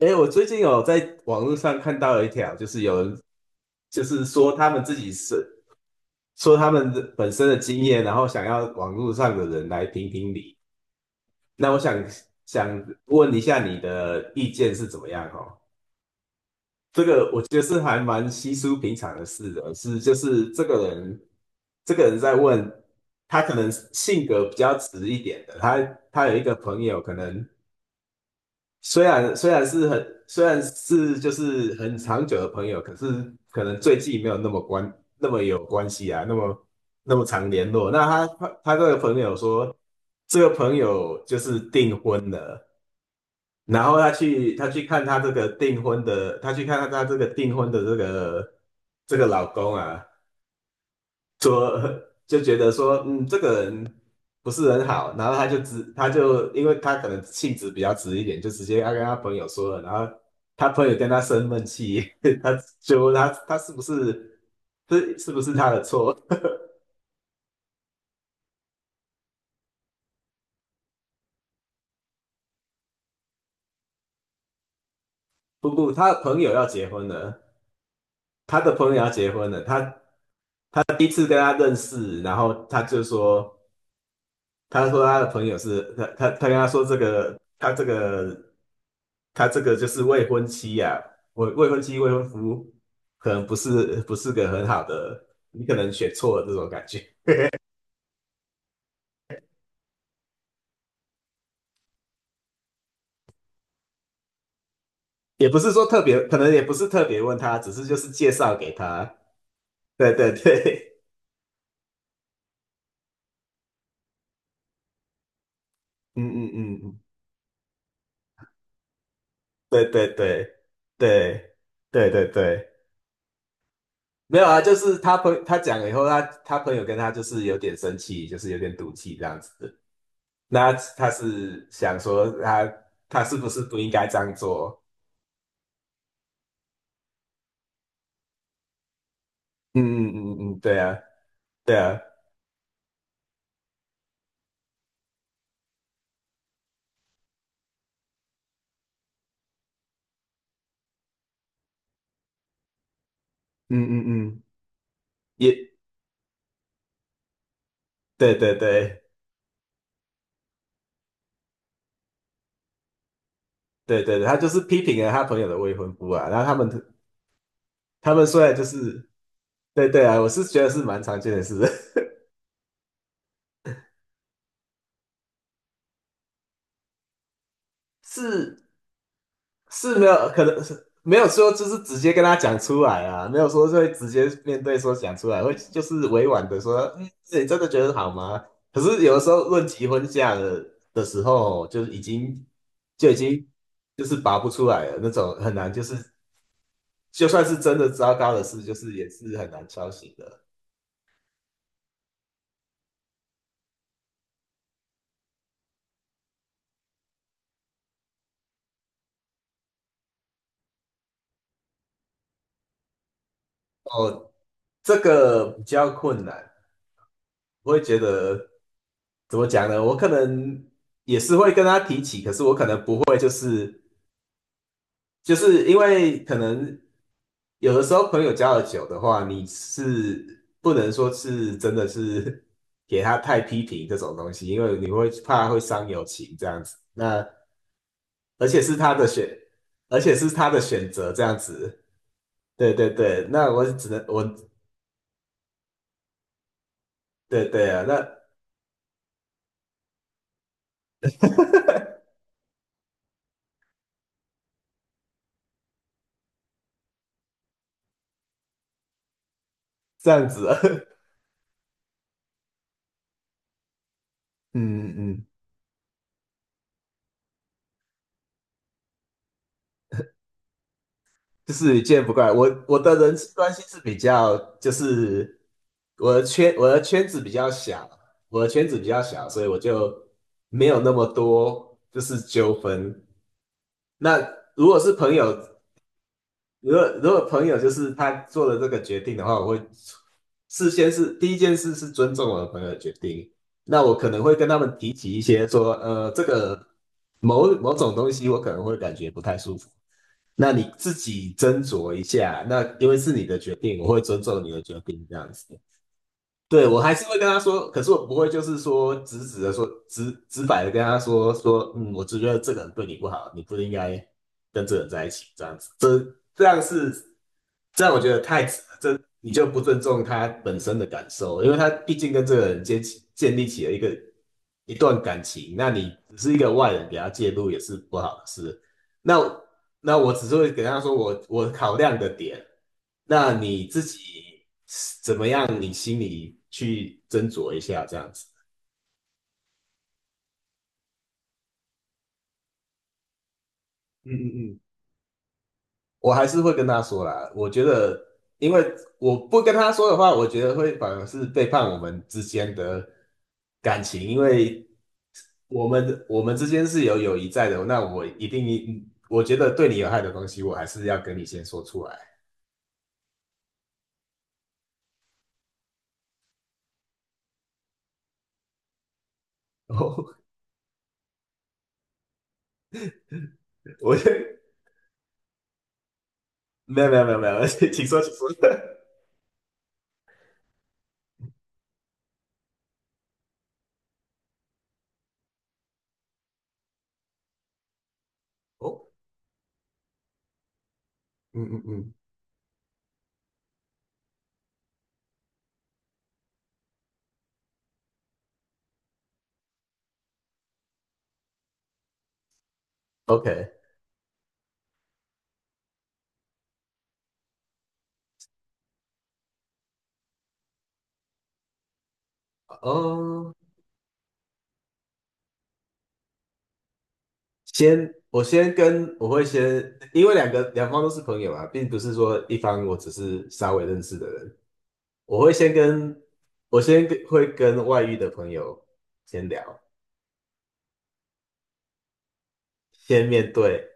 诶，我最近有在网络上看到一条，就是有人就是说他们自己是说他们的本身的经验，然后想要网络上的人来评评理。那我想问一下你的意见是怎么样哦？这个我觉得是还蛮稀疏平常的事的，是就是这个人在问他可能性格比较直一点的，他有一个朋友可能。虽然是很虽然是就是很长久的朋友，可是可能最近没有那么有关系啊，那么常联络。那他这个朋友说，这个朋友就是订婚了，然后他去看他这个订婚的，他去看他这个订婚的这个老公啊，说就觉得说，嗯，这个人不是很好，然后他就因为他可能性子比较直一点，就直接他跟他朋友说了，然后他朋友跟他生闷气，他就问他他是不是他的错？不不，他的朋友要结婚了，他的朋友要结婚了，他他第一次跟他认识，然后他就说。他说他的朋友是他跟他说这个就是未婚妻呀、未婚夫可能不是个很好的，你可能选错了这种感觉，也不是说特别，可能也不是特别问他，只是就是介绍给他，对对对，嗯嗯嗯，嗯对对对对对对对，没有啊，就是他讲了以后，他朋友跟他就是有点生气，就是有点赌气这样子。的。那他是想说他是不是不应该这样做？嗯嗯嗯嗯嗯，对啊，对啊，嗯嗯嗯嗯也对对对对对，对他就是批评了他朋友的未婚夫啊。然后他们虽然就是对对啊，我是觉得是蛮常见的事，是是没有可能是没有说就是直接跟他讲出来啊，没有说会直接面对说讲出来，会就是委婉的说，嗯，你真的觉得好吗？可是有的时候论及婚嫁的时候，就是已经拔不出来了那种，很难就是就算是真的糟糕的事，就是也是很难敲醒的。哦，这个比较困难，我会觉得怎么讲呢？我可能也是会跟他提起，可是我可能不会就是。就是因为可能有的时候朋友交的久的话，你是不能说是真的是 给他太批评这种东西，因为你会怕会伤友情这样子。那而且是他的选，而且是他的选择这样子。对对对，那我只能我对对啊，那 这样子啊，嗯嗯。嗯就是见不怪我，我的人际关系是比较，就是我的圈子比较小，我的圈子比较小，所以我就没有那么多就是纠纷。那如果是朋友如果如果朋友就是他做了这个决定的话，我会事先是第一件事是尊重我的朋友的决定。那我可能会跟他们提起一些说，这个某某种东西我可能会感觉不太舒服，那你自己斟酌一下。那因为是你的决定，我会尊重你的决定，这样子。对，我还是会跟他说，可是我不会就是说直白的跟他说，嗯，我只觉得这个人对你不好，你不应该跟这个人在一起，这样子。这样是这样，我觉得太你就不尊重他本身的感受，因为他毕竟跟这个人建立起了一段感情，那你只是一个外人给他介入也是不好的事。那我只是会给他说我考量的点，那你自己怎么样，你心里去斟酌一下这样子。嗯嗯嗯，我还是会跟他说啦。我觉得，因为我不跟他说的话，我觉得会反而是背叛我们之间的感情，因为我们之间是有友谊在的。那我一定，嗯我觉得对你有害的东西，我还是要跟你先说出来。我我没有没有没有没有，请说请说。哦，嗯嗯嗯，OK，哦，先我先跟我会先，因为两方都是朋友啊，并不是说一方我只是稍微认识的人，我会先跟我先跟会跟外遇的朋友先聊，先面对，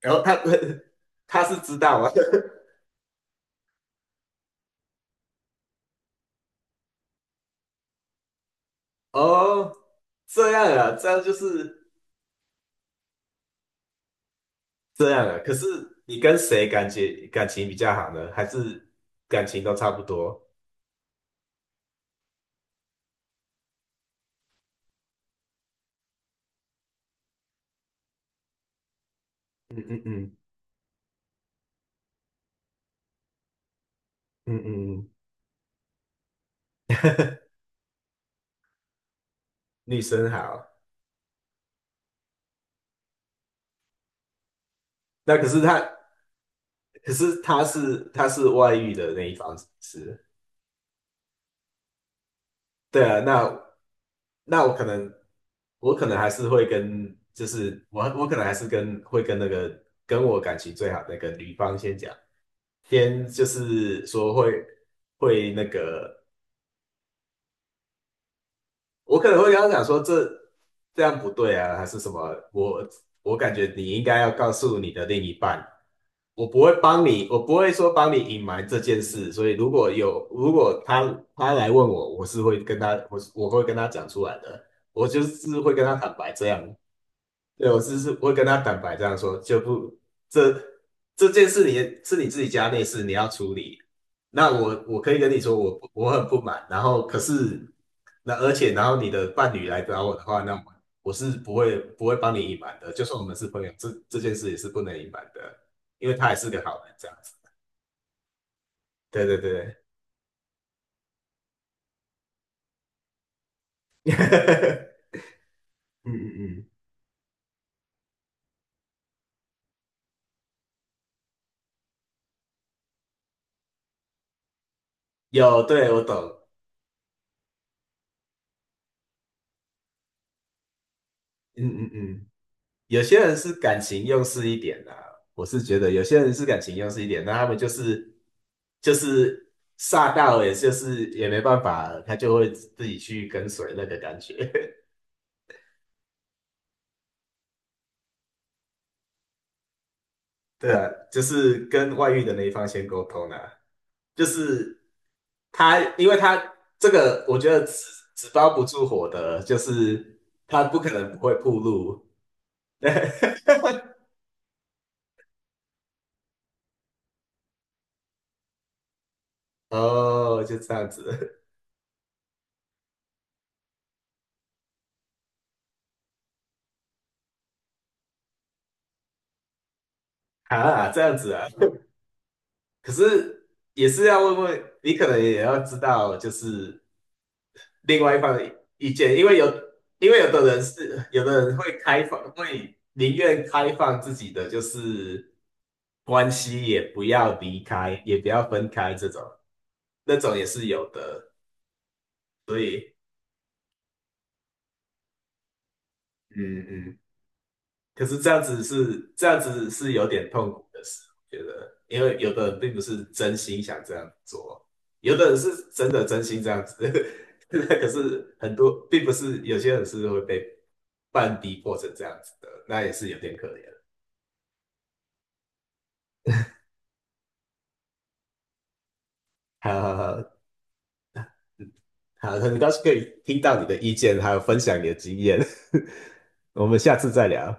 然后他 他是知道吗？哦，这样啊，这样就是这样啊。可是你跟谁感情比较好呢？还是感情都差不多？嗯嗯嗯嗯嗯，嗯女生好。那可是他，可是他是外遇的那一方是不是？对啊，那我可能我可能还是会跟，就是我可能还是会跟那个跟我感情最好的那个女方先讲，先就是说会那个，我可能会跟她讲说这样不对啊，还是什么，我感觉你应该要告诉你的另一半。我不会帮你，我不会说帮你隐瞒这件事，所以如果有，如果他来问我，我是会跟他，我是我会跟他讲出来的，我就是会跟他坦白这样。对，我是会跟他坦白这样说，就不这这件事你是你自己家内事，你要处理。那我可以跟你说，我很不满，然后可是那而且然后你的伴侣来找我的话，那我是不会帮你隐瞒的，就算我们是朋友，这件事也是不能隐瞒的，因为他也是个好人这样子。对对对，嗯嗯嗯，有，对，我懂，嗯嗯嗯。有些人是感情用事一点的啊我是觉得有些人是感情用事一点，那他们就是煞到，也就是也没办法，他就会自己去跟随那个感觉。对啊，就是跟外遇的那一方先沟通啊，就是他，因为他这个，我觉得纸包不住火的，就是他不可能不会暴露。哦，就这样子 啊，这样子啊。可是也是要问问你，可能也要知道，就是另外一方的意见，因为有，因为有的人是，有的人会开放，会宁愿开放自己的就是关系，也不要离开，也不要分开，这种那种也是有的，所以，嗯嗯。可是这样子是有点痛苦的事，我觉得，因为有的人并不是真心想这样做，有的人是真的真心这样子，可是很多并不是有些人是会被半逼迫成这样子的，那也是有点可怜。好好好，好，很高兴可以听到你的意见，还有分享你的经验，我们下次再聊。